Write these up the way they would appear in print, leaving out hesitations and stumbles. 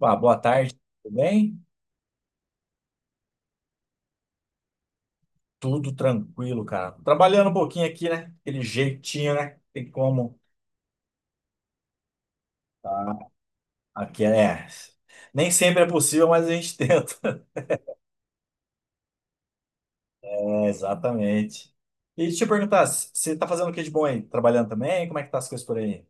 Ah, boa tarde, tudo bem? Tudo tranquilo, cara. Trabalhando um pouquinho aqui, né? Aquele jeitinho, né? Tem como. Tá. Aqui é. Nem sempre é possível, mas a gente tenta. É, exatamente. E deixa eu perguntar, você tá fazendo o que de bom aí? Trabalhando também? Como é que tá as coisas por aí?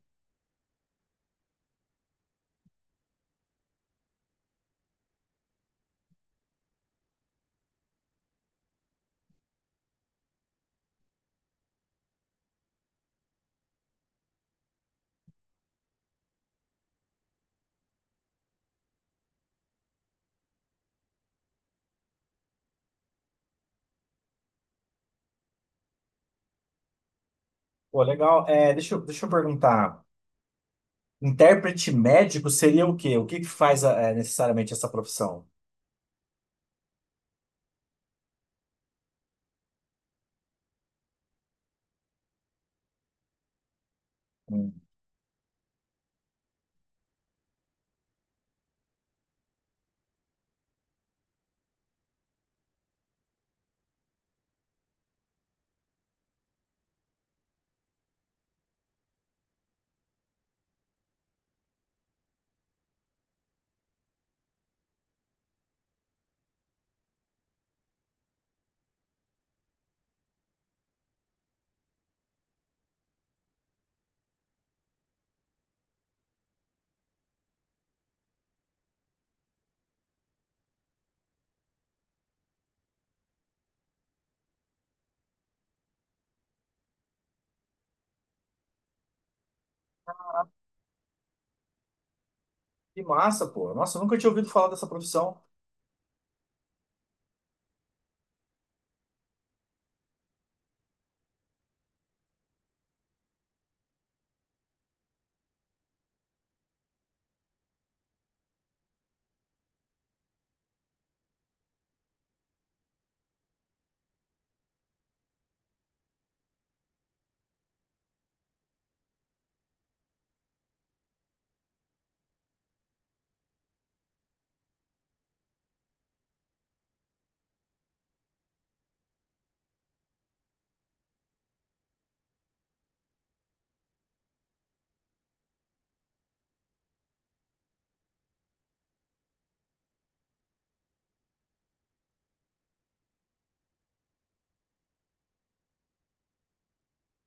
Pô, legal. É, deixa eu perguntar. Intérprete médico seria o quê? O que que faz necessariamente essa profissão? Hum. Que massa, pô. Nossa, eu nunca tinha ouvido falar dessa profissão.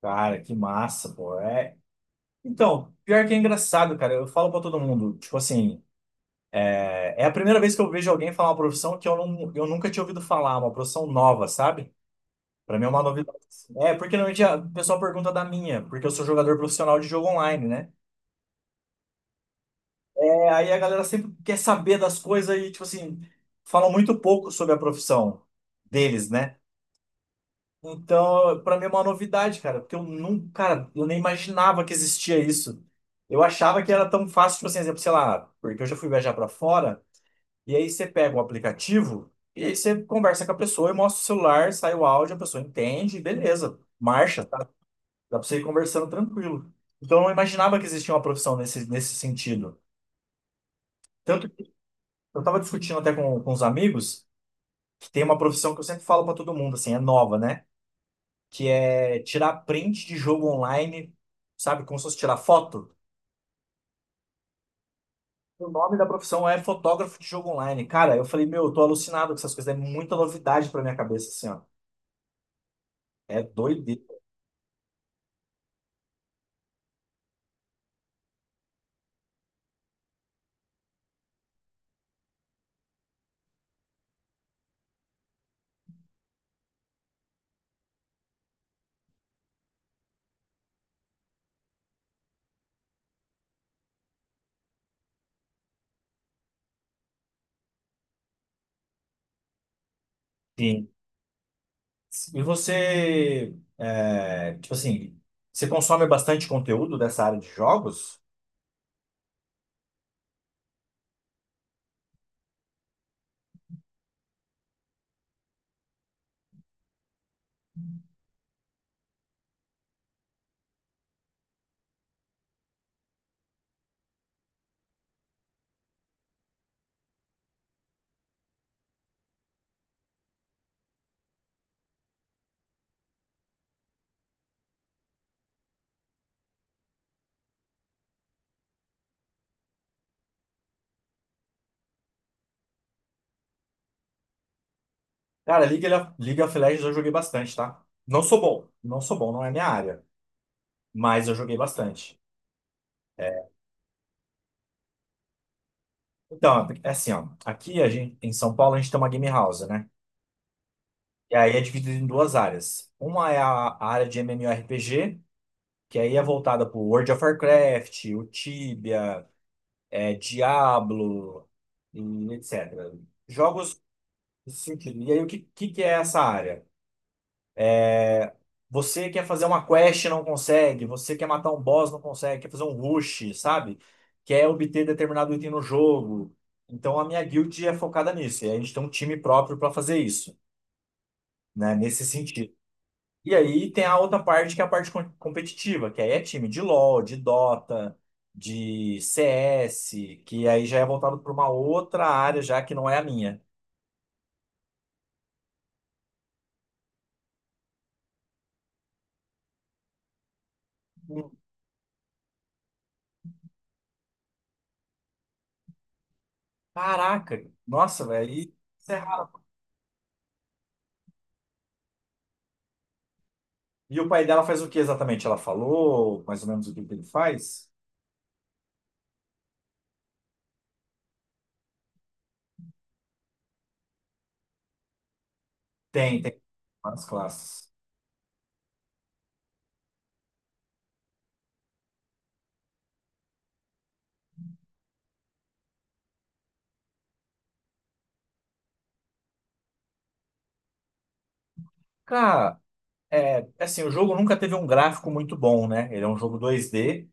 Cara, que massa, pô. É. Então, pior que é engraçado, cara. Eu falo pra todo mundo, tipo assim, é a primeira vez que eu vejo alguém falar uma profissão que eu, não, eu nunca tinha ouvido falar, uma profissão nova, sabe? Pra mim é uma novidade, assim. É, porque normalmente o pessoal pergunta da minha, porque eu sou jogador profissional de jogo online, né? É, aí a galera sempre quer saber das coisas e, tipo assim, falam muito pouco sobre a profissão deles, né? Então, pra mim é uma novidade, cara, porque eu nunca, cara, eu nem imaginava que existia isso. Eu achava que era tão fácil, tipo assim, exemplo, sei lá, porque eu já fui viajar pra fora. E aí você pega o aplicativo e aí você conversa com a pessoa e mostra o celular, sai o áudio, a pessoa entende, beleza, marcha, tá? Dá pra você ir conversando tranquilo. Então eu não imaginava que existia uma profissão nesse sentido. Tanto que eu tava discutindo até com os amigos que tem uma profissão que eu sempre falo pra todo mundo, assim, é nova, né? Que é tirar print de jogo online, sabe? Como se fosse tirar foto. O nome da profissão é fotógrafo de jogo online. Cara, eu falei, meu, eu tô alucinado com essas coisas, é muita novidade pra minha cabeça, assim, ó. É doideira. E você, tipo assim, você consome bastante conteúdo dessa área de jogos? Cara, League of Legends eu joguei bastante, tá? Não sou bom, não sou bom, não é minha área, mas eu joguei bastante. Então, é assim, ó, aqui a gente, em São Paulo a gente tem uma game house, né? E aí é dividido em duas áreas. Uma é a área de MMORPG, que aí é voltada pro World of Warcraft, o Tibia, Diablo, e etc. Jogos. Sim. E aí, o que que é essa área? Você quer fazer uma quest e não consegue, você quer matar um boss, não consegue, quer fazer um rush, sabe? Quer obter determinado item no jogo. Então a minha guild é focada nisso, e a gente tem um time próprio para fazer isso, né? Nesse sentido. E aí tem a outra parte que é a parte competitiva, que aí é time de LoL, de Dota, de CS, que aí já é voltado para uma outra área já que não é a minha. Caraca, nossa, velho. E o pai dela faz o que exatamente? Ela falou mais ou menos o que que ele faz? Tem várias classes. Cara, é assim, o jogo nunca teve um gráfico muito bom, né? Ele é um jogo 2D,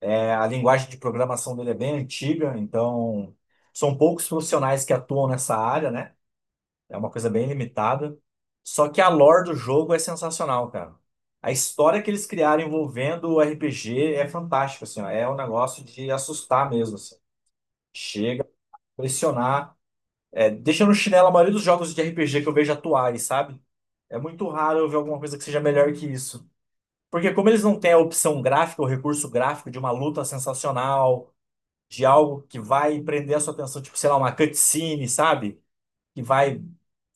a linguagem de programação dele é bem antiga, então são poucos profissionais que atuam nessa área, né? É uma coisa bem limitada. Só que a lore do jogo é sensacional, cara. A história que eles criaram envolvendo o RPG é fantástica, assim, ó. É um negócio de assustar mesmo, assim. Chega a impressionar. É, deixa no chinelo a maioria dos jogos de RPG que eu vejo atuais, sabe? É muito raro eu ver alguma coisa que seja melhor que isso. Porque como eles não têm a opção gráfica, o recurso gráfico de uma luta sensacional, de algo que vai prender a sua atenção, tipo, sei lá, uma cutscene, sabe? Que vai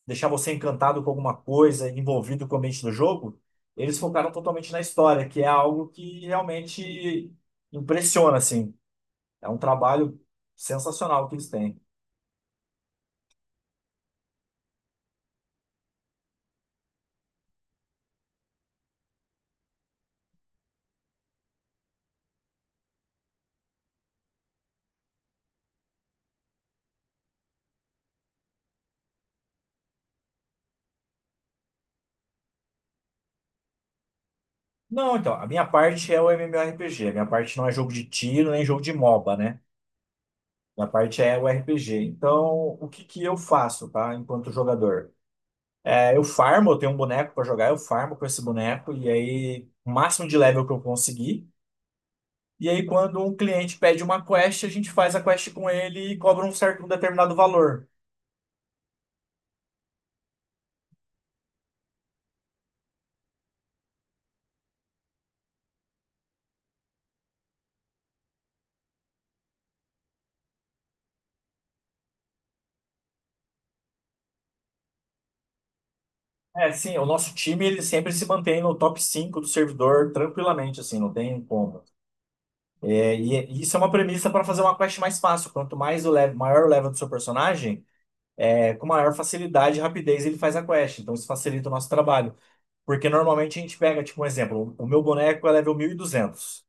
deixar você encantado com alguma coisa, envolvido com o ambiente do jogo, eles focaram totalmente na história, que é algo que realmente impressiona, assim. É um trabalho sensacional que eles têm. Não, então, a minha parte é o MMORPG. A minha parte não é jogo de tiro nem jogo de MOBA, né? Minha parte é o RPG. Então, o que que eu faço, tá? Enquanto jogador? É, eu farmo, eu tenho um boneco pra jogar, eu farmo com esse boneco e aí o máximo de level que eu conseguir. E aí, quando um cliente pede uma quest, a gente faz a quest com ele e cobra um certo, um determinado valor. É, sim, o nosso time ele sempre se mantém no top 5 do servidor tranquilamente, assim, não tem como. E isso é uma premissa para fazer uma quest mais fácil. Quanto mais o level, maior o level do seu personagem, com maior facilidade e rapidez ele faz a quest. Então isso facilita o nosso trabalho. Porque normalmente a gente pega, tipo, um exemplo: o meu boneco é level 1200.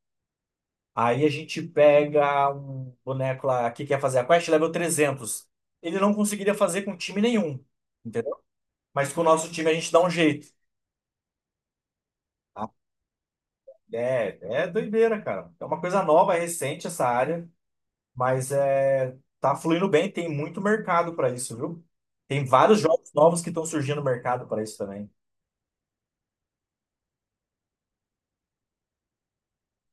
Aí a gente pega um boneco lá que quer fazer a quest, level 300. Ele não conseguiria fazer com time nenhum, entendeu? Mas com o nosso time a gente dá um jeito, tá? É doideira, cara. É uma coisa nova, recente essa área. Mas é, tá fluindo bem, tem muito mercado para isso, viu? Tem vários jogos novos que estão surgindo no mercado para isso também.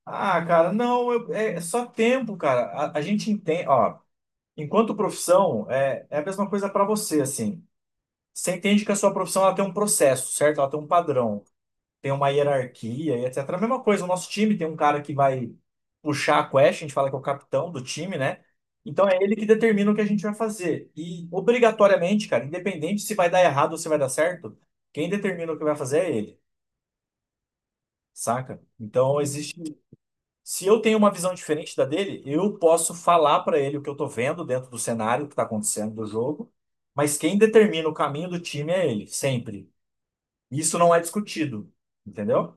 Ah, cara, não, é só tempo, cara. A gente entende, ó, enquanto profissão, é a mesma coisa para você, assim. Você entende que a sua profissão ela tem um processo, certo? Ela tem um padrão. Tem uma hierarquia e etc. A mesma coisa, o nosso time tem um cara que vai puxar a quest, a gente fala que é o capitão do time, né? Então é ele que determina o que a gente vai fazer. E obrigatoriamente, cara, independente se vai dar errado ou se vai dar certo, quem determina o que vai fazer é ele, saca? Então existe. Se eu tenho uma visão diferente da dele, eu posso falar pra ele o que eu tô vendo dentro do cenário que tá acontecendo do jogo, mas quem determina o caminho do time é ele, sempre. Isso não é discutido, entendeu?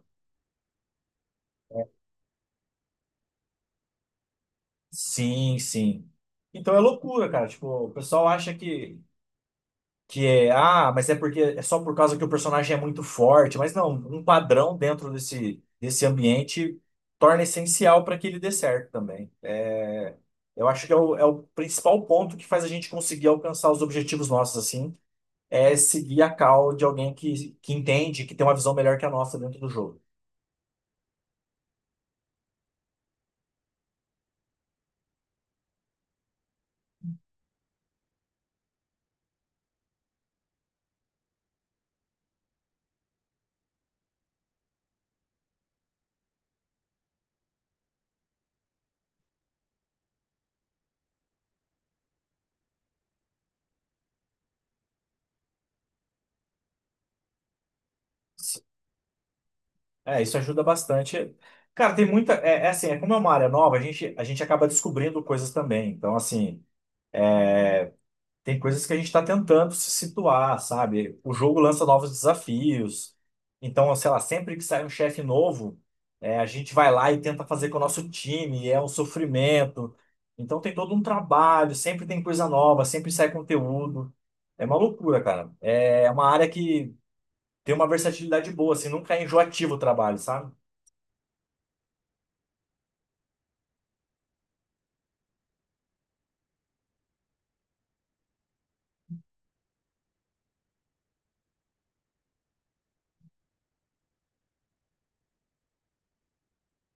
Sim, sim. Então é loucura, cara. Tipo, o pessoal acha que é, ah, mas é porque é só por causa que o personagem é muito forte. Mas não, um padrão dentro desse ambiente torna essencial para que ele dê certo também. É, eu acho que é o principal ponto que faz a gente conseguir alcançar os objetivos nossos, assim, é seguir a call de alguém que entende, que tem uma visão melhor que a nossa dentro do jogo. É, isso ajuda bastante. Cara, tem muita. É assim, é como é uma área nova, a gente acaba descobrindo coisas também. Então, assim, tem coisas que a gente está tentando se situar, sabe? O jogo lança novos desafios. Então, sei lá, sempre que sai um chefe novo, a gente vai lá e tenta fazer com o nosso time, e é um sofrimento. Então, tem todo um trabalho, sempre tem coisa nova, sempre sai conteúdo. É uma loucura, cara. É uma área que tem uma versatilidade boa, assim, nunca é enjoativo o trabalho, sabe?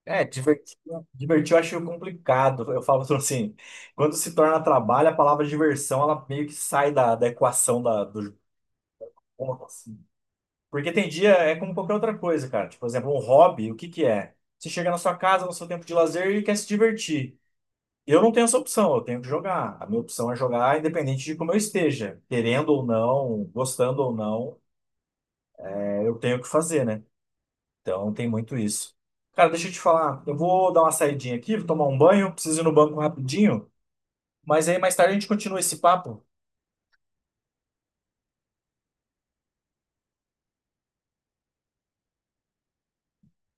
É, divertir eu acho complicado. Eu falo assim, quando se torna trabalho, a palavra diversão, ela meio que sai da equação da, do jogo, assim. Porque tem dia, é como qualquer outra coisa, cara. Tipo, por exemplo, um hobby, o que que é? Você chega na sua casa, no seu tempo de lazer e quer se divertir. Eu não tenho essa opção, eu tenho que jogar. A minha opção é jogar independente de como eu esteja, querendo ou não, gostando ou não, eu tenho que fazer, né? Então tem muito isso. Cara, deixa eu te falar. Eu vou dar uma saidinha aqui, vou tomar um banho, preciso ir no banco rapidinho. Mas aí mais tarde a gente continua esse papo.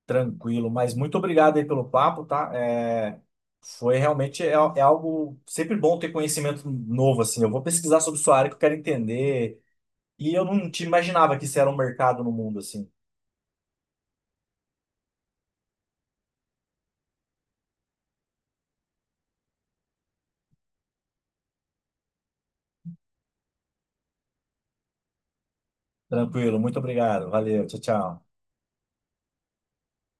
Tranquilo, mas muito obrigado aí pelo papo, tá? É, foi realmente é algo sempre bom ter conhecimento novo, assim. Eu vou pesquisar sobre sua área que eu quero entender. E eu não te imaginava que isso era um mercado no mundo, assim. Tranquilo, muito obrigado. Valeu, tchau, tchau.